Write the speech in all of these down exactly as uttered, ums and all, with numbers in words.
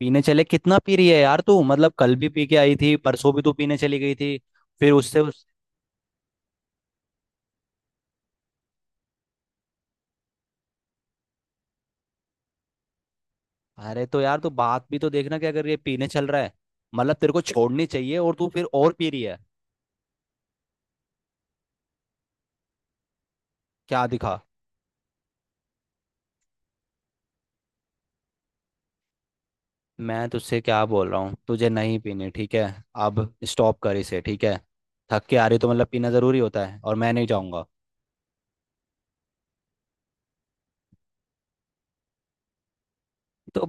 पीने चले? कितना पी रही है यार तू। मतलब कल भी पी के आई थी, परसों भी तू पीने चली गई थी। फिर उससे उस अरे तो यार तू बात भी तो देखना क्या कर रही है। पीने चल रहा है, मतलब तेरे को छोड़नी चाहिए और तू फिर और पी रही है। क्या दिखा। मैं तुझसे क्या बोल रहा हूँ, तुझे नहीं पीने, ठीक है। अब स्टॉप कर इसे, ठीक है। थक के आ रही तो मतलब पीना जरूरी होता है? और मैं नहीं जाऊंगा। तो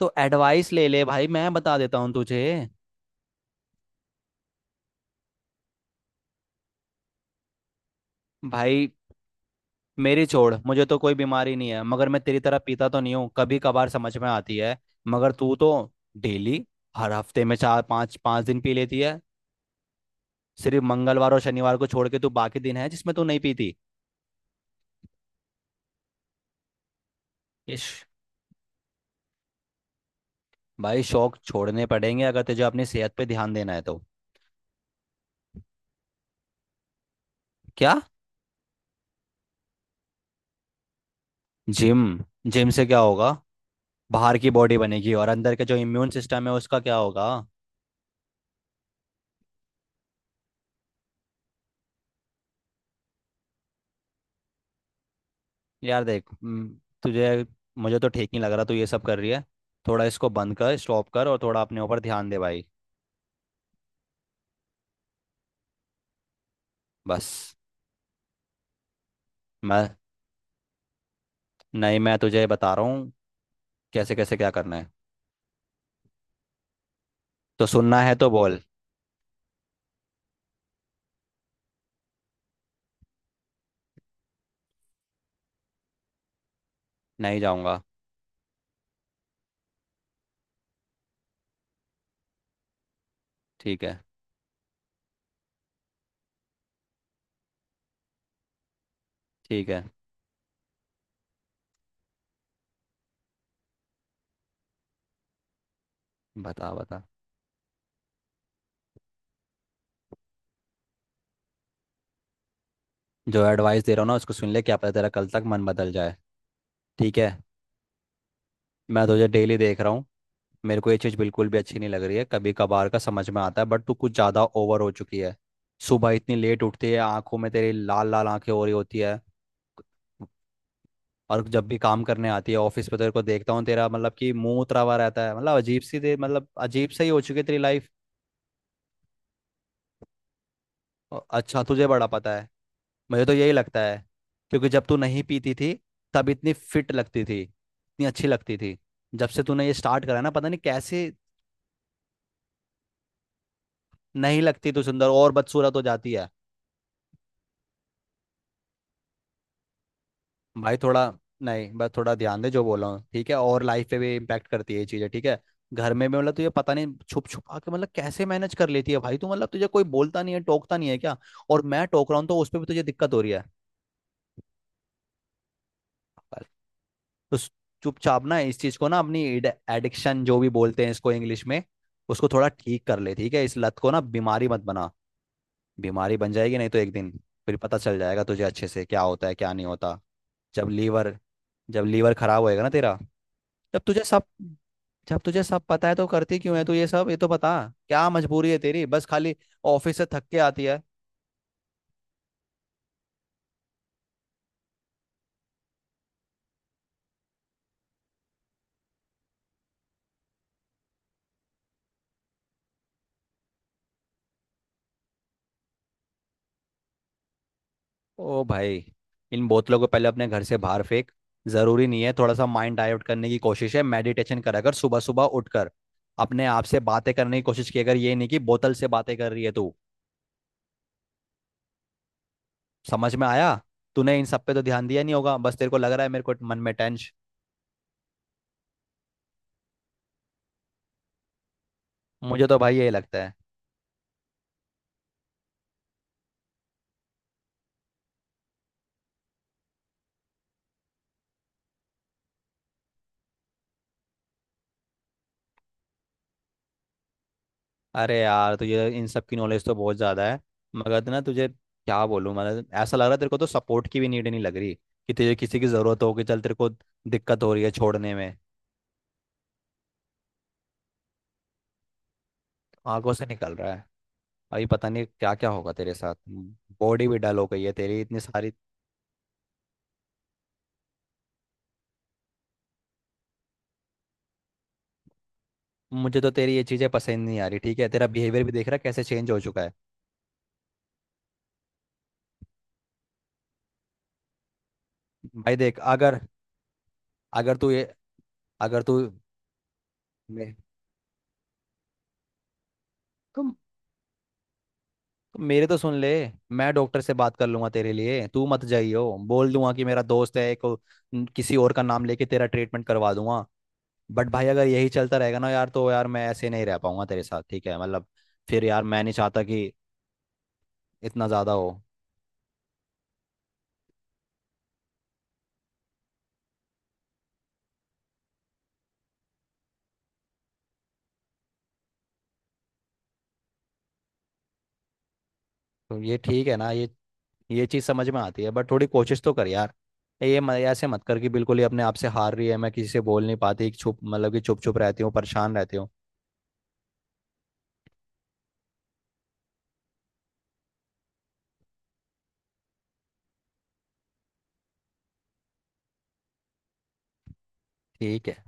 तो एडवाइस ले ले भाई, मैं बता देता हूँ तुझे। भाई मेरी छोड़, मुझे तो कोई बीमारी नहीं है, मगर मैं तेरी तरह पीता तो नहीं हूँ। कभी कभार समझ में आती है, मगर तू तो डेली, हर हफ्ते में चार पांच पांच दिन पी लेती है। सिर्फ मंगलवार और शनिवार को छोड़ के तू बाकी दिन है जिसमें तू नहीं पीती। इश। भाई शौक छोड़ने पड़ेंगे, अगर तुझे अपनी सेहत पे ध्यान देना है तो। क्या? जिम जिम से क्या होगा? बाहर की बॉडी बनेगी और अंदर के जो इम्यून सिस्टम है उसका क्या होगा? यार देख, हम्म, तुझे मुझे तो ठीक नहीं लग रहा तू ये सब कर रही है। थोड़ा इसको बंद कर, स्टॉप कर, और थोड़ा अपने ऊपर ध्यान दे भाई। बस। मैं नहीं मैं तुझे बता रहा हूँ कैसे कैसे क्या करना है। तो सुनना है तो बोल। नहीं जाऊँगा। ठीक है। ठीक है, बता बता। जो एडवाइस दे रहा हूँ ना उसको सुन ले, क्या पता तेरा कल तक मन बदल जाए। ठीक है। मैं तुझे डेली देख रहा हूँ। मेरे को ये चीज़ बिल्कुल भी अच्छी नहीं लग रही है। कभी कभार का समझ में आता है, बट तू कुछ ज़्यादा ओवर हो चुकी है। सुबह इतनी लेट उठती है, आंखों में तेरी लाल लाल आंखें हो रही होती है। और जब भी काम करने आती है ऑफिस पे तो तेरे को देखता हूँ, तेरा मतलब कि मुंह उतरा हुआ रहता है। मतलब अजीब सी दे, मतलब अजीब सही हो चुकी है तेरी लाइफ। अच्छा तुझे बड़ा पता है। मुझे तो यही लगता है, क्योंकि जब तू नहीं पीती थी, तब इतनी फिट लगती थी, इतनी अच्छी लगती थी। जब से तूने ये स्टार्ट करा है ना, पता नहीं कैसे। नहीं लगती तू सुंदर और बदसूरत हो जाती है। भाई थोड़ा, नहीं बस थोड़ा ध्यान दे जो बोल रहा हूँ, ठीक है। और लाइफ पे भी इम्पैक्ट करती है ये चीज़ें, ठीक है। घर में भी मतलब तुझे पता नहीं छुप छुपा के मतलब कैसे मैनेज कर लेती है भाई तू। मतलब तुझे कोई बोलता नहीं है, टोकता नहीं है क्या? और मैं टोक रहा हूँ तो उस पर भी तुझे दिक्कत हो रही है। पर तो स- चुपचाप ना इस चीज़ को ना अपनी एडिक्शन जो भी बोलते हैं इसको इंग्लिश में, उसको थोड़ा ठीक कर ले, ठीक है। इस लत को ना बीमारी मत बना, बीमारी बन जाएगी नहीं तो एक दिन। फिर पता चल जाएगा तुझे अच्छे से क्या होता है क्या नहीं होता। जब लीवर जब लीवर खराब होएगा ना तेरा, तब तुझे सब। जब तुझे सब पता है तो करती क्यों है तू ये सब? ये तो बता क्या मजबूरी है तेरी, बस खाली ऑफिस से थक के आती है। ओ भाई इन बोतलों को पहले अपने घर से बाहर फेंक। जरूरी नहीं है, थोड़ा सा माइंड डाइवर्ट करने की कोशिश है। मेडिटेशन करा कर सुबह सुबह उठकर अपने आप से बातें करने की कोशिश किया कर, ये नहीं कि बोतल से बातें कर रही है तू। समझ में आया। तूने इन सब पे तो ध्यान दिया नहीं होगा, बस तेरे को लग रहा है मेरे को मन में टेंशन। मुझे तो भाई यही लगता है। अरे यार तुझे इन सब की नॉलेज तो बहुत ज़्यादा है, मगर ना तुझे क्या बोलूँ। मतलब ऐसा लग रहा है तेरे को तो सपोर्ट की भी नीड नहीं लग रही, कि तुझे किसी की ज़रूरत हो, कि चल तेरे को दिक्कत हो रही है छोड़ने में। आंखों से निकल रहा है? अभी पता नहीं क्या क्या होगा तेरे साथ। बॉडी भी डल हो गई है तेरी, इतनी सारी। मुझे तो तेरी ये चीज़ें पसंद नहीं आ रही, ठीक है। तेरा बिहेवियर भी देख रहा है कैसे चेंज हो चुका है। भाई देख। अगर अगर तू ये अगर तू मे- तुम मेरे तो सुन ले। मैं डॉक्टर से बात कर लूंगा तेरे लिए, तू मत जाइयो, बोल दूंगा कि मेरा दोस्त है एक। न- किसी और का नाम लेके तेरा ट्रीटमेंट करवा दूंगा। बट भाई अगर यही चलता रहेगा ना यार तो यार मैं ऐसे नहीं रह पाऊंगा तेरे साथ, ठीक है। मतलब फिर यार मैं नहीं चाहता कि इतना ज़्यादा हो। तो ये ठीक है ना ये। ये चीज़ समझ में आती है, बट थोड़ी कोशिश तो कर यार। ये म- ऐसे मत कर कि बिल्कुल ही अपने आप से हार रही है। मैं किसी से बोल नहीं पाती चुप, मतलब कि चुप चुप रहती हूँ, परेशान रहती हूँ। ठीक है।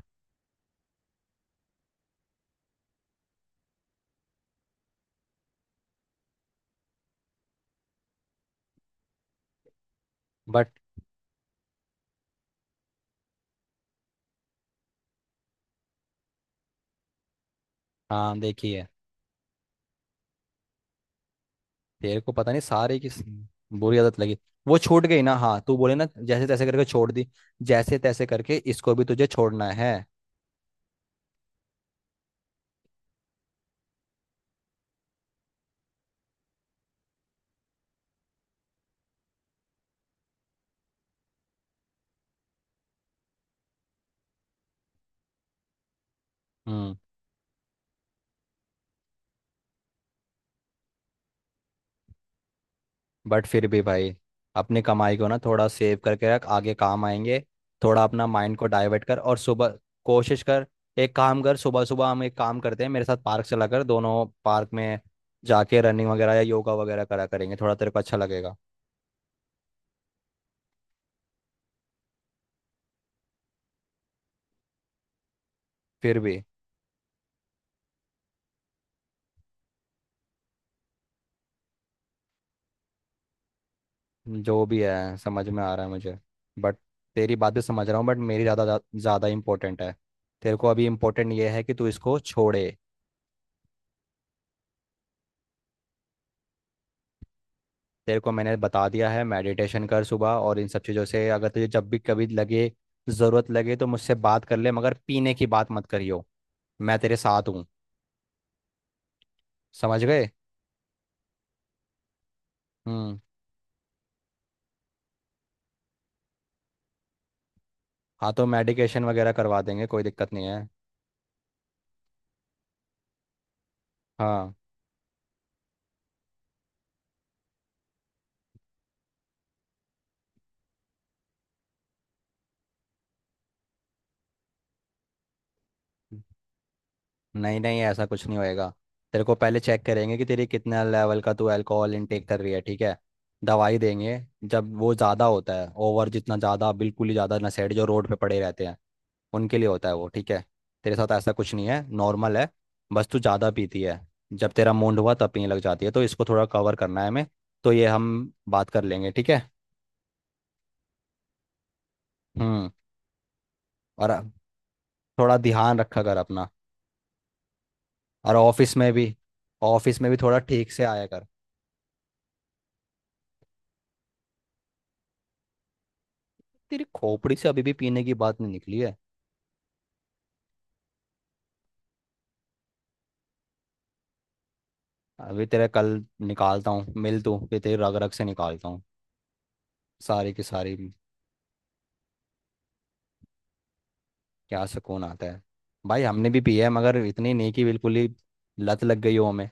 बट हाँ देखिए, तेरे को पता नहीं सारे की बुरी आदत लगी। वो छूट गई ना, हाँ तू बोले ना जैसे तैसे करके छोड़ दी, जैसे तैसे करके इसको भी तुझे छोड़ना है। हम्म। बट फिर भी भाई अपनी कमाई को ना थोड़ा सेव करके रख, आगे काम आएंगे। थोड़ा अपना माइंड को डाइवर्ट कर और सुबह कोशिश कर। एक काम कर, सुबह सुबह हम एक काम करते हैं, मेरे साथ पार्क चला कर दोनों, पार्क में जाके रनिंग वगैरह या योगा वगैरह करा करेंगे, थोड़ा तेरे को अच्छा लगेगा। फिर भी जो भी है समझ में आ रहा है मुझे। बट तेरी बात भी समझ रहा हूँ, बट मेरी ज़्यादा ज़्यादा इम्पोर्टेंट है। तेरे को अभी इम्पोर्टेंट ये है कि तू इसको छोड़े। तेरे को मैंने बता दिया है, मेडिटेशन कर सुबह, और इन सब चीज़ों से अगर तुझे जब भी कभी लगे, ज़रूरत लगे तो मुझसे बात कर ले, मगर पीने की बात मत करियो। मैं तेरे साथ हूँ। समझ गए। हम्म। हाँ तो मेडिकेशन वगैरह करवा देंगे, कोई दिक्कत नहीं है। हाँ। नहीं नहीं, ऐसा कुछ नहीं होएगा। तेरे को पहले चेक करेंगे कि तेरी कितना लेवल का तू अल्कोहल इनटेक कर रही है, ठीक है। दवाई देंगे। जब वो ज़्यादा होता है ओवर, जितना ज़्यादा बिल्कुल ही ज़्यादा नशेड़ी जो रोड पे पड़े रहते हैं उनके लिए होता है वो, ठीक है। तेरे साथ ऐसा कुछ नहीं है, नॉर्मल है। बस तू ज़्यादा पीती है, जब तेरा मूड हुआ तब पीने लग जाती है, तो इसको थोड़ा कवर करना है हमें। तो ये हम बात कर लेंगे, ठीक है। हम्म। और थोड़ा ध्यान रखा कर अपना, और ऑफिस में भी, ऑफिस में भी थोड़ा ठीक से आया कर। तेरी खोपड़ी से अभी भी पीने की बात नहीं निकली है। अभी तेरा कल निकालता हूँ मिल तू, फिर तेरी रग रग से निकालता हूँ सारी की सारी। क्या सुकून आता है? भाई हमने भी पिया है मगर इतनी नहीं कि बिल्कुल ही लत लग गई हो हमें।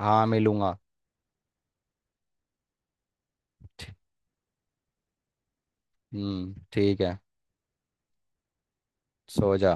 हाँ मिलूंगा। हम्म, ठीक है। सो जा।